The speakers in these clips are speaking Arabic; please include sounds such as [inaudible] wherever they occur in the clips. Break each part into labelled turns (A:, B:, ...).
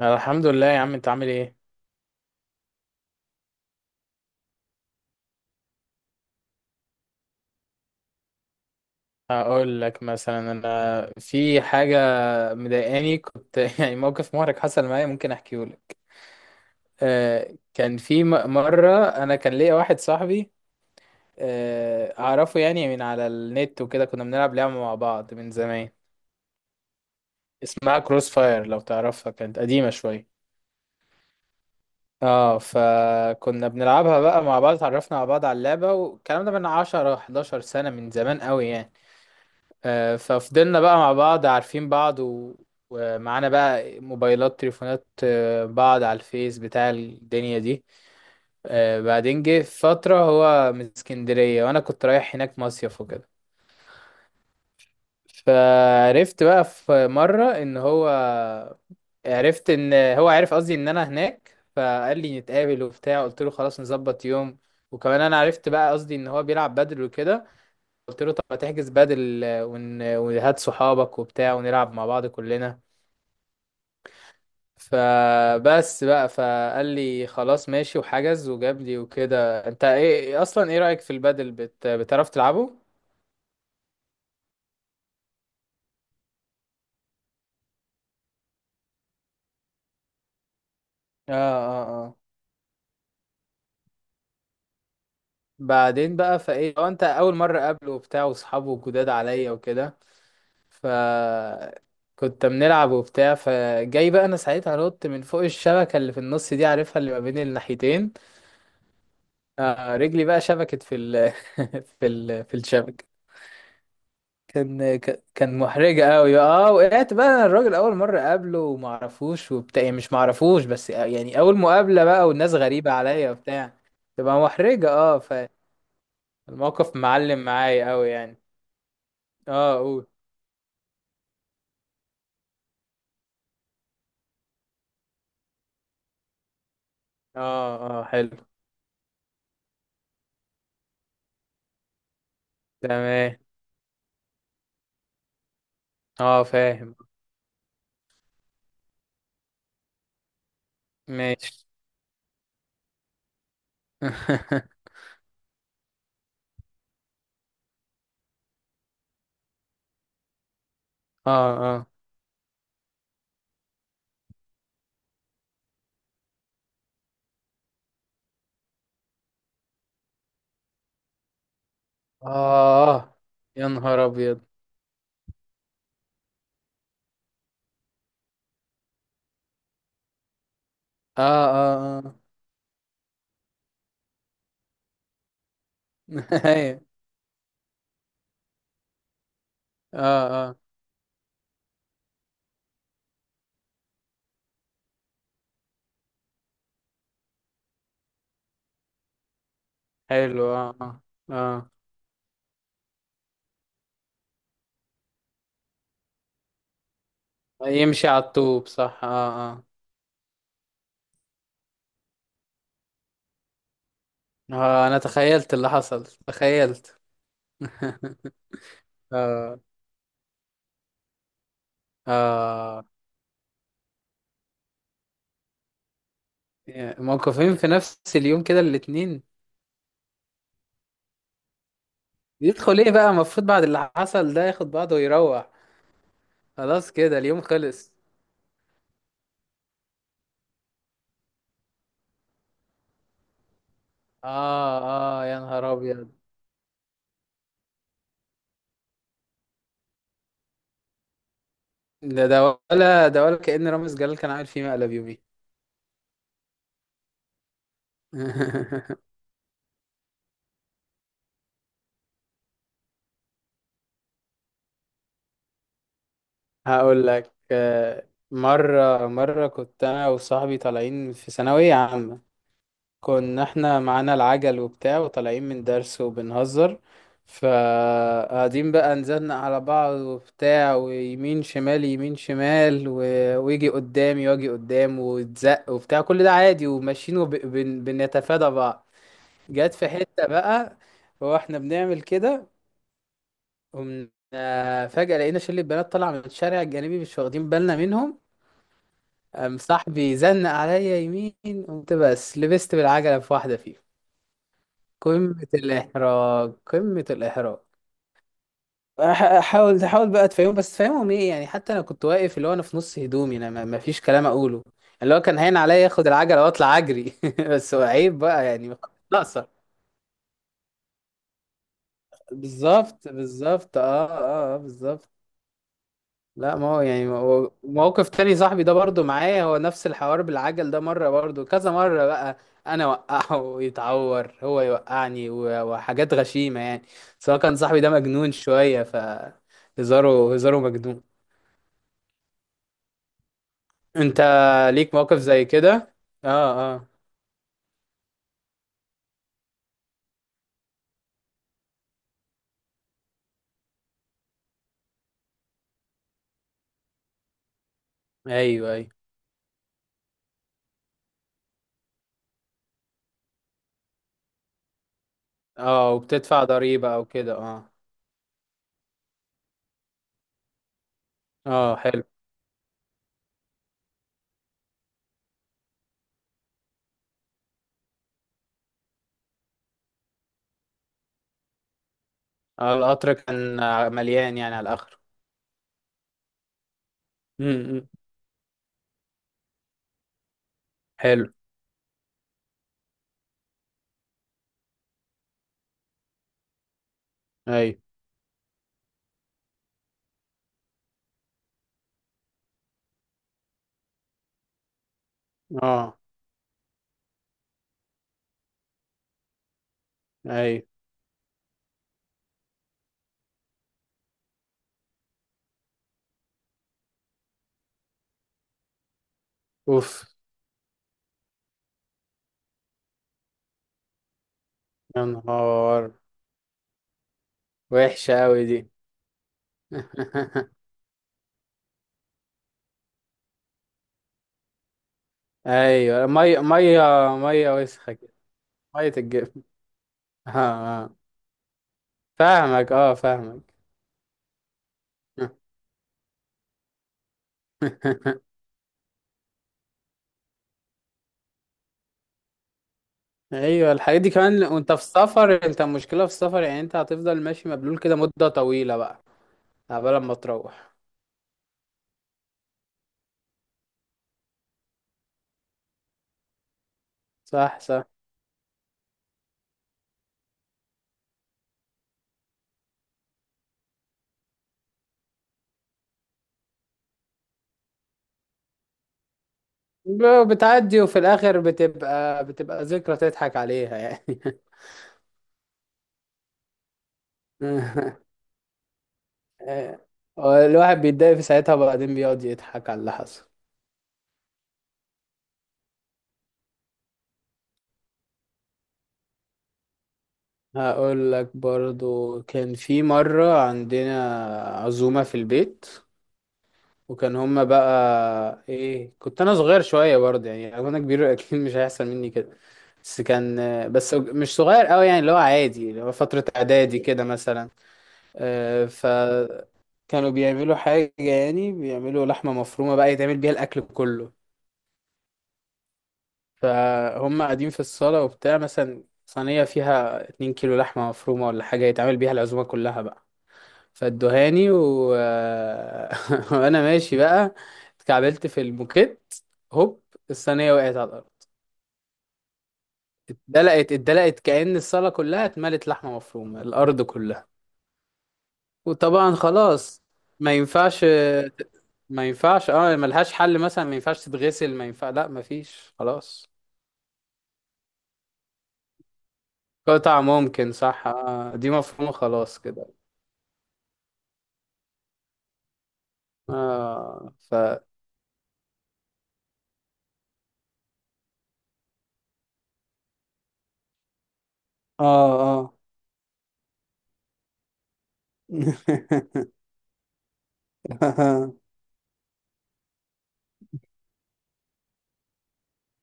A: أنا الحمد لله يا عم انت عامل ايه؟ اقول لك مثلا انا في حاجه مضايقاني كنت [laughs] يعني موقف محرج حصل معايا ممكن احكيه لك. كان في مره انا كان ليا واحد صاحبي اعرفه يعني من على النت وكده كنا بنلعب لعبه مع بعض من زمان. اسمها كروس فاير لو تعرفها، كانت قديمه شويه. اه فكنا بنلعبها بقى مع بعض، اتعرفنا على بعض على اللعبه والكلام ده من 10 11 سنه، من زمان قوي يعني. ففضلنا بقى مع بعض عارفين بعض و... ومعانا بقى موبايلات تليفونات، بعض على الفيس بتاع الدنيا دي. بعدين جه فترة هو من اسكندرية وأنا كنت رايح هناك مصيف وكده. فعرفت بقى في مرة إن هو، عرفت إن هو عرف قصدي إن أنا هناك فقال لي نتقابل وبتاع، قلت له خلاص نظبط يوم. وكمان أنا عرفت بقى قصدي إن هو بيلعب بدل وكده، قلت له طب ما تحجز بدل وهات صحابك وبتاع ونلعب مع بعض كلنا. فبس بقى فقال لي خلاص ماشي وحجز وجاب لي وكده. انت ايه اصلا، ايه رأيك في البدل بتعرف تلعبه؟ اه. بعدين بقى فايه هو انت اول مره قابله وبتاع واصحابه جداد عليا وكده. ف كنت بنلعب وبتاع، فجاي بقى انا ساعتها نط من فوق الشبكه اللي في النص دي، عارفها اللي ما بين الناحيتين. آه رجلي بقى شبكت في ال [laughs] في الشبكة. كان محرجة قوي. اه وقعت بقى، انا الراجل اول مرة اقابله وما اعرفوش وبتاع، يعني مش ما اعرفوش بس، يعني اول مقابلة بقى والناس غريبة عليا وبتاع. تبقى محرجة اه. فالموقف معلم معايا قوي يعني. اه قول. اه اه حلو. تمام. اه فاهم. ماشي. [laughs] اه اه اه. يا نهار ابيض. اه اه اه. [laughs] ايوه. اه اه حلو. اه اه. آه، يمشي على الطوب صح، اه اه. انا تخيلت اللي حصل، تخيلت. [laughs] اه اه. يعني موقفين في نفس اليوم كده الاتنين؟ يدخل ايه بقى المفروض؟ بعد اللي حصل ده ياخد بعضه ويروح. خلاص كده اليوم خلص. اه اه. يا نهار ابيض. ده ده ولا ده، ولا كأن رامز جلال كان عامل فيه مقلب يومي. [laughs] هقول لك، مرة كنت أنا وصاحبي طالعين في ثانوية عامة. كنا احنا معانا العجل وبتاع وطالعين من درس وبنهزر. فقاعدين بقى نزلنا على بعض وبتاع، ويمين شمال يمين شمال و... ويجي قدامي واجي قدام وتزق وبتاع، كل ده عادي وماشيين وبنتفادى بعض. جت في حتة بقى واحنا بنعمل كده، قمنا فجأة لقينا شلة بنات طالعة من الشارع الجانبي مش واخدين بالنا منهم. قام صاحبي زنق عليا يمين، قمت بس لبست بالعجلة في واحدة فيهم. قمة الإحراج، قمة الإحراج. حاول تحاول بقى تفهمهم، بس تفهمهم ايه يعني؟ حتى انا كنت واقف، اللي هو انا في نص هدومي انا، ما فيش كلام اقوله. اللي هو كان هين عليا اخد العجله واطلع اجري [laughs] بس هو عيب بقى يعني، ناقصه. بالظبط بالظبط اه اه، بالظبط. لا ما هو يعني، ما هو موقف تاني صاحبي ده برضو معايا، هو نفس الحوار بالعجل ده مرة، برضو كذا مرة بقى. انا وقعه [laughs] ويتعور، هو يوقعني وحاجات غشيمة يعني. سواء كان صاحبي ده مجنون شوية، ف هزاره مجنون. انت ليك موقف زي كده؟ اه اه. ايوه ايوه. اه وبتدفع ضريبة او كده، اه. اه حلو. آه القطر كان، مليان يعني على الاخر. امم. حلو. ايوه. اه. ايوه. اوف. يا نهار، وحشة أوي دي. [laughs] أيوة مية مية. مية وسخة كده. مية الجبن. [laughs] آه. آه، فاهمك، أه فاهمك. [laughs] أيوة الحاجات دي كمان وأنت في السفر، أنت المشكلة في السفر يعني، أنت هتفضل ماشي مبلول كده مدة طويلة بقى قبل ما تروح. صح صح. بتعدي وفي الآخر بتبقى ذكرى تضحك عليها يعني. [laughs] الواحد بيتضايق في ساعتها وبعدين بيقعد يضحك على اللي حصل. هقول لك برضو، كان في مرة عندنا عزومة في البيت. وكان هما بقى ايه، كنت انا صغير شوية برضه، يعني لو انا كبير [laughs] اكيد مش هيحصل مني كده. بس كان، بس مش صغير قوي يعني، اللي هو عادي، اللي هو فترة اعدادي كده مثلا. فكانوا بيعملوا حاجة، يعني بيعملوا لحمة مفرومة بقى يتعمل بيها الاكل كله. فهم قاعدين في الصالة وبتاع مثلا، صينية فيها 2 كيلو لحمة مفرومة ولا حاجة، يتعمل بيها العزومة كلها بقى. فادوهاني و... [laughs] وانا ماشي بقى اتكعبلت في الموكيت، هوب، الصينيه وقعت على الارض، اتدلقت اتدلقت، كأن الصاله كلها اتملت لحمه مفرومه، الارض كلها. وطبعا خلاص ما ينفعش، ما ينفعش اه، ملهاش حل مثلا، ما ينفعش تتغسل، ما ينفع، لا ما فيش خلاص. قطع ممكن صح، آه دي مفهومه خلاص كده. اه ف اه اه.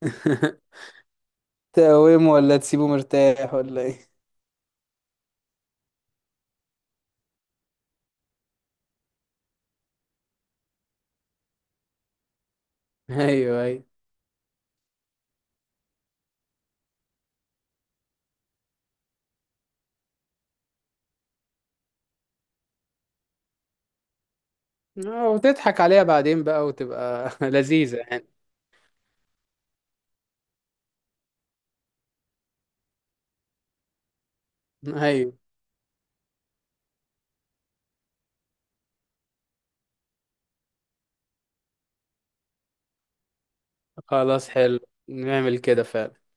A: [laughs] تقومه ولا تسيبه مرتاح ولا ايه؟ [laughs] ايوه ايوه. وتضحك عليها بعدين بقى وتبقى [laughs] لذيذة يعني. ايوه خلاص حلو، نعمل كده فعلا.